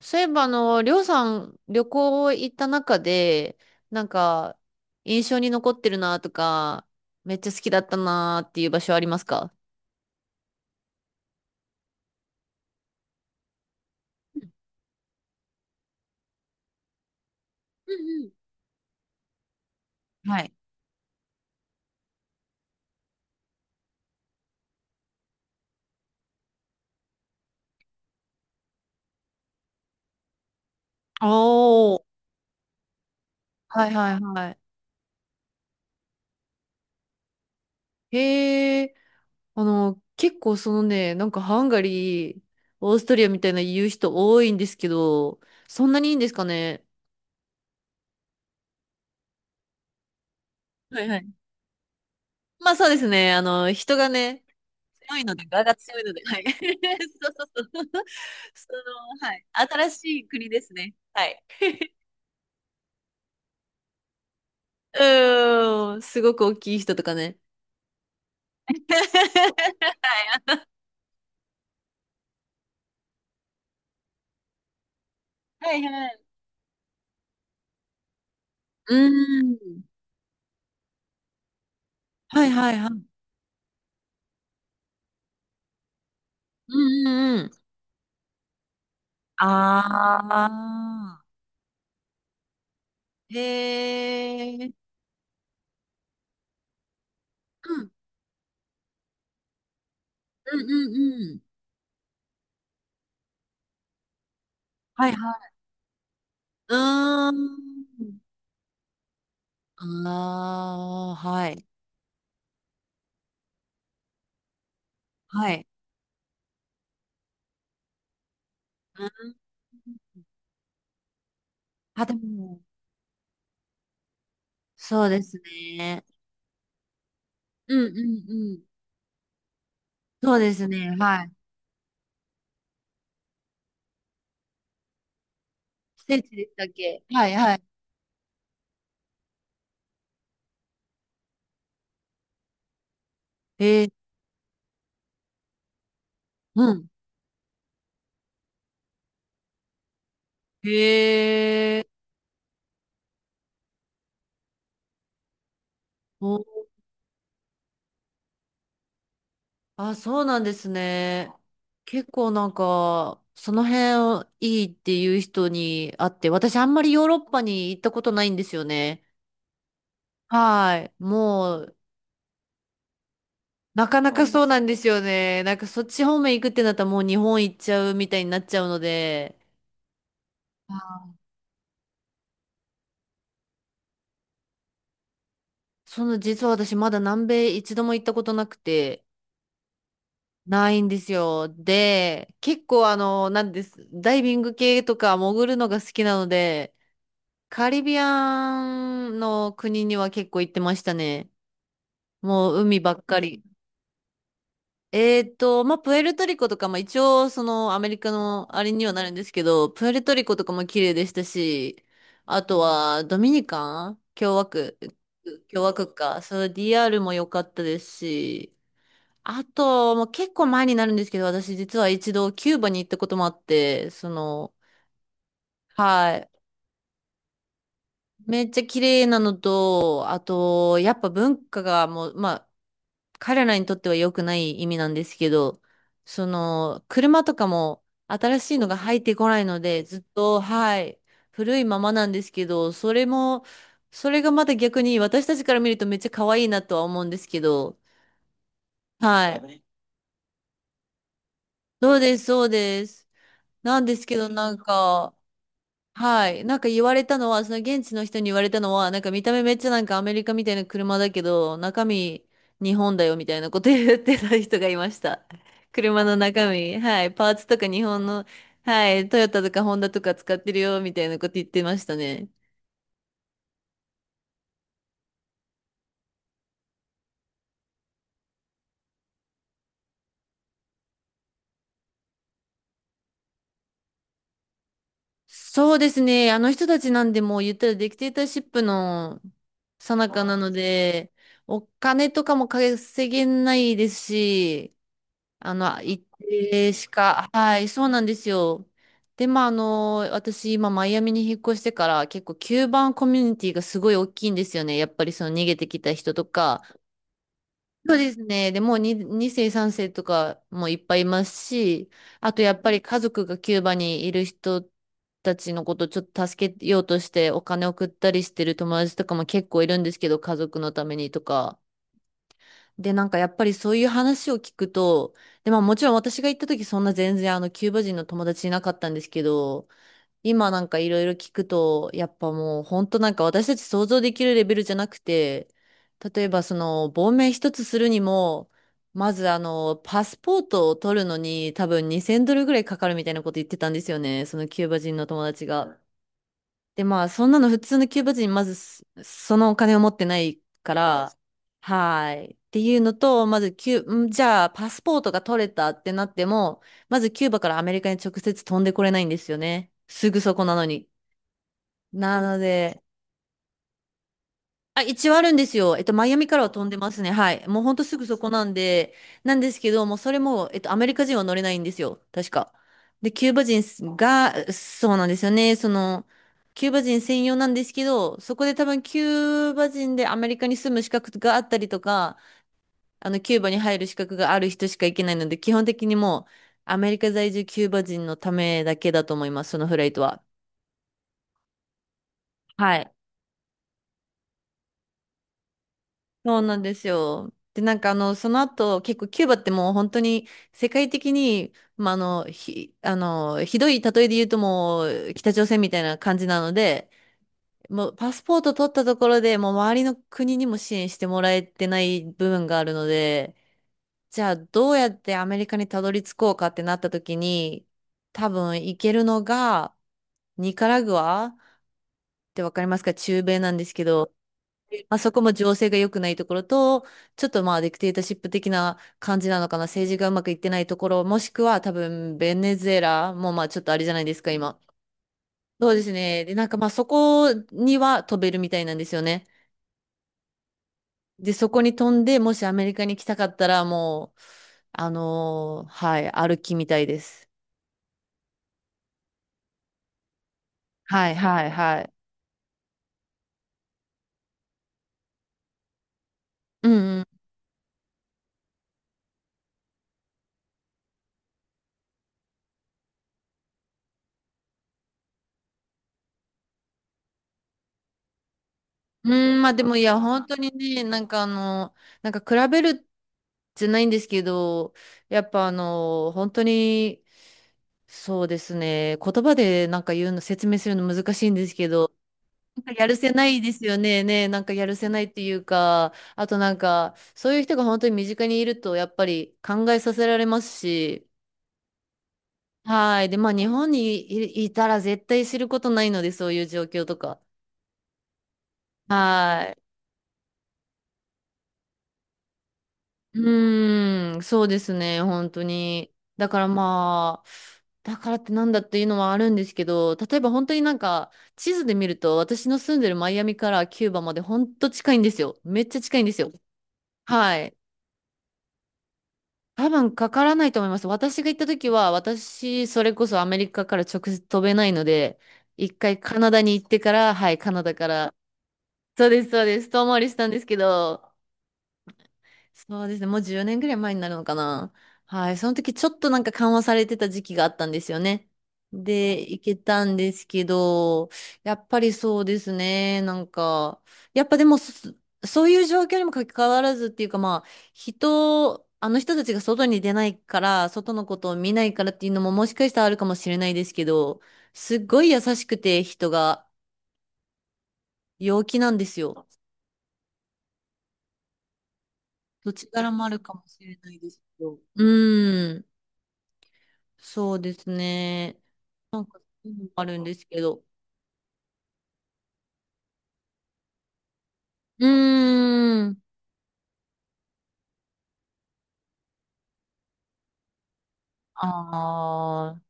そういえば、りょうさん、旅行行った中で、なんか、印象に残ってるなとか、めっちゃ好きだったなっていう場所ありますか？はい。おー。はいはいはい。へえ、結構そのね、なんかハンガリー、オーストリアみたいな言う人多いんですけど、そんなにいいんですかね？はいはい。まあそうですね、人がね、強いので、柄が強いので、はい。そうそうそう。その、はい。新しい国ですね。はい。うーん、すごく大きい人とかね。はいはい。うーん。はいはいはい。うんうんうん。ああ。へえ。うん。うんうんうん。はいはい。うーん。ああ、はい。はい。うん。あ、でも、そうですね。うんうんうん。そうですね、はい。聖地でしたっけ？はいはい。えー、うん。へえ、お、あ、そうなんですね。結構なんか、その辺をいいっていう人に会って、私あんまりヨーロッパに行ったことないんですよね。はい。もう、なかなかそうなんですよね。なんかそっち方面行くってなったらもう日本行っちゃうみたいになっちゃうので、あー、その実は私まだ南米一度も行ったことなくて、ないんですよ。で、結構なんです、ダイビング系とか潜るのが好きなので、カリビアンの国には結構行ってましたね。もう海ばっかり。えーと、まあ、プエルトリコとか、まあ、一応そのアメリカのあれにはなるんですけど、プエルトリコとかも綺麗でしたし、あとはドミニカン共和国、共和国か、そう、DR も良かったですし、あと、もう結構前になるんですけど、私実は一度キューバに行ったこともあって、はい。めっちゃ綺麗なのと、あと、やっぱ文化がもう、まあ、彼らにとっては良くない意味なんですけど、車とかも新しいのが入ってこないので、ずっと、はい、古いままなんですけど、それも、それがまた逆に私たちから見るとめっちゃ可愛いなとは思うんですけど、はい。そうです、そうです。なんですけど、なんか、はい。なんか言われたのは、その現地の人に言われたのは、なんか見た目めっちゃなんかアメリカみたいな車だけど、中身日本だよみたいなこと言ってた人がいました。車の中身、はい。パーツとか日本の、はい。トヨタとかホンダとか使ってるよみたいなこと言ってましたね。そうですね。あの人たちなんでもう言ったらディクテーターシップの最中なので、お金とかも稼げないですし、一定しか、はい、そうなんですよ。で、まあ、私、今、マイアミに引っ越してから、結構、キューバンコミュニティがすごい大きいんですよね。やっぱり、その、逃げてきた人とか。そうですね。で、もう2世、3世とかもいっぱいいますし、あと、やっぱり、家族がキューバにいる人たちのことをちょっと助けようとして、お金送ったりしてる友達とかも結構いるんですけど、家族のためにとか。で、なんかやっぱりそういう話を聞くと、で、まあもちろん私が行った時そんな全然あのキューバ人の友達いなかったんですけど、今なんかいろいろ聞くと、やっぱもう本当なんか私たち想像できるレベルじゃなくて、例えばその亡命一つするにも、まずパスポートを取るのに多分2000ドルぐらいかかるみたいなこと言ってたんですよね、そのキューバ人の友達が。で、まあ、そんなの普通のキューバ人、まずそ、そのお金を持ってないから、はーい。っていうのと、まずキュー、んじゃあ、パスポートが取れたってなっても、まずキューバからアメリカに直接飛んでこれないんですよね。すぐそこなのに。なので、あ、一応あるんですよ。えっと、マイアミからは飛んでますね。はい。もうほんとすぐそこなんで、なんですけど、もうそれも、えっと、アメリカ人は乗れないんですよ。確か。で、キューバ人が、そうなんですよね。キューバ人専用なんですけど、そこで多分キューバ人でアメリカに住む資格があったりとか、キューバに入る資格がある人しか行けないので、基本的にもう、アメリカ在住キューバ人のためだけだと思います、そのフライトは。はい。そうなんですよ。で、なんかあの、その後、結構キューバってもう本当に世界的に、まあ、あの、ひ、あの、ひどい例えで言うともう北朝鮮みたいな感じなので、もうパスポート取ったところでもう周りの国にも支援してもらえてない部分があるので、じゃあどうやってアメリカにたどり着こうかってなった時に、多分行けるのがニカラグアってわかりますか？中米なんですけど、まあ、そこも情勢が良くないところと、ちょっとまあディクテータシップ的な感じなのかな、政治がうまくいってないところ、もしくは多分ベネズエラもまあちょっとあれじゃないですか、今。そうですね。で、なんかまあそこには飛べるみたいなんですよね。で、そこに飛んで、もしアメリカに来たかったらもう、はい、歩きみたいです。はいはいはい。うんうん。うん、まあでもいや、本当にね、なんかあの、なんか比べるじゃないんですけど、やっぱあの、本当に、そうですね、言葉でなんか言うの、説明するの難しいんですけど、なんかやるせないですよね、ね、なんかやるせないっていうか、あとなんか、そういう人が本当に身近にいると、やっぱり考えさせられますし、はい。で、まあ日本にいたら絶対知ることないので、そういう状況とか。はい。うーん、そうですね、本当に。だからまあ、だからってなんだっていうのはあるんですけど、例えば本当になんか、地図で見ると、私の住んでるマイアミからキューバまで本当近いんですよ。めっちゃ近いんですよ。はい。多分かからないと思います。私が行った時は、私、それこそアメリカから直接飛べないので、一回カナダに行ってから、はい、カナダから、そうです、そうです、遠回りしたんですけど、そうですね。もう10年ぐらい前になるのかな。はい。その時ちょっとなんか緩和されてた時期があったんですよね。で、行けたんですけど、やっぱりそうですね。なんか、やっぱでもそ、そういう状況にもかかわらずっていうかまあ、人、あの人たちが外に出ないから、外のことを見ないからっていうのももしかしたらあるかもしれないですけど、すっごい優しくて人が陽気なんですよ。どっちからもあるかもしれないですけど。うーん。そうですね。なんか、あるんですけど。うーん。ああ、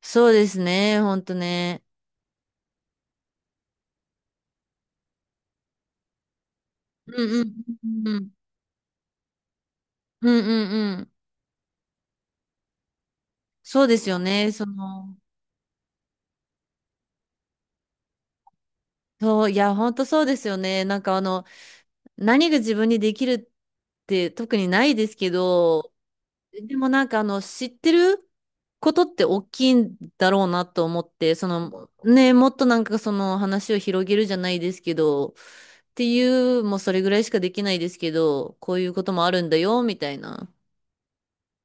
そうですね。ほんとね。うんうんうんうん。うんうんうん。そうですよね。そう、いや、ほんとそうですよね。なんかあの、何が自分にできるって特にないですけど、でもなんかあの、知ってることって大きいんだろうなと思って、その、ね、もっとなんかその話を広げるじゃないですけど、っていう、もうそれぐらいしかできないですけど、こういうこともあるんだよ、みたいな。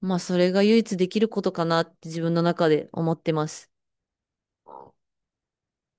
まあ、それが唯一できることかなって自分の中で思ってます。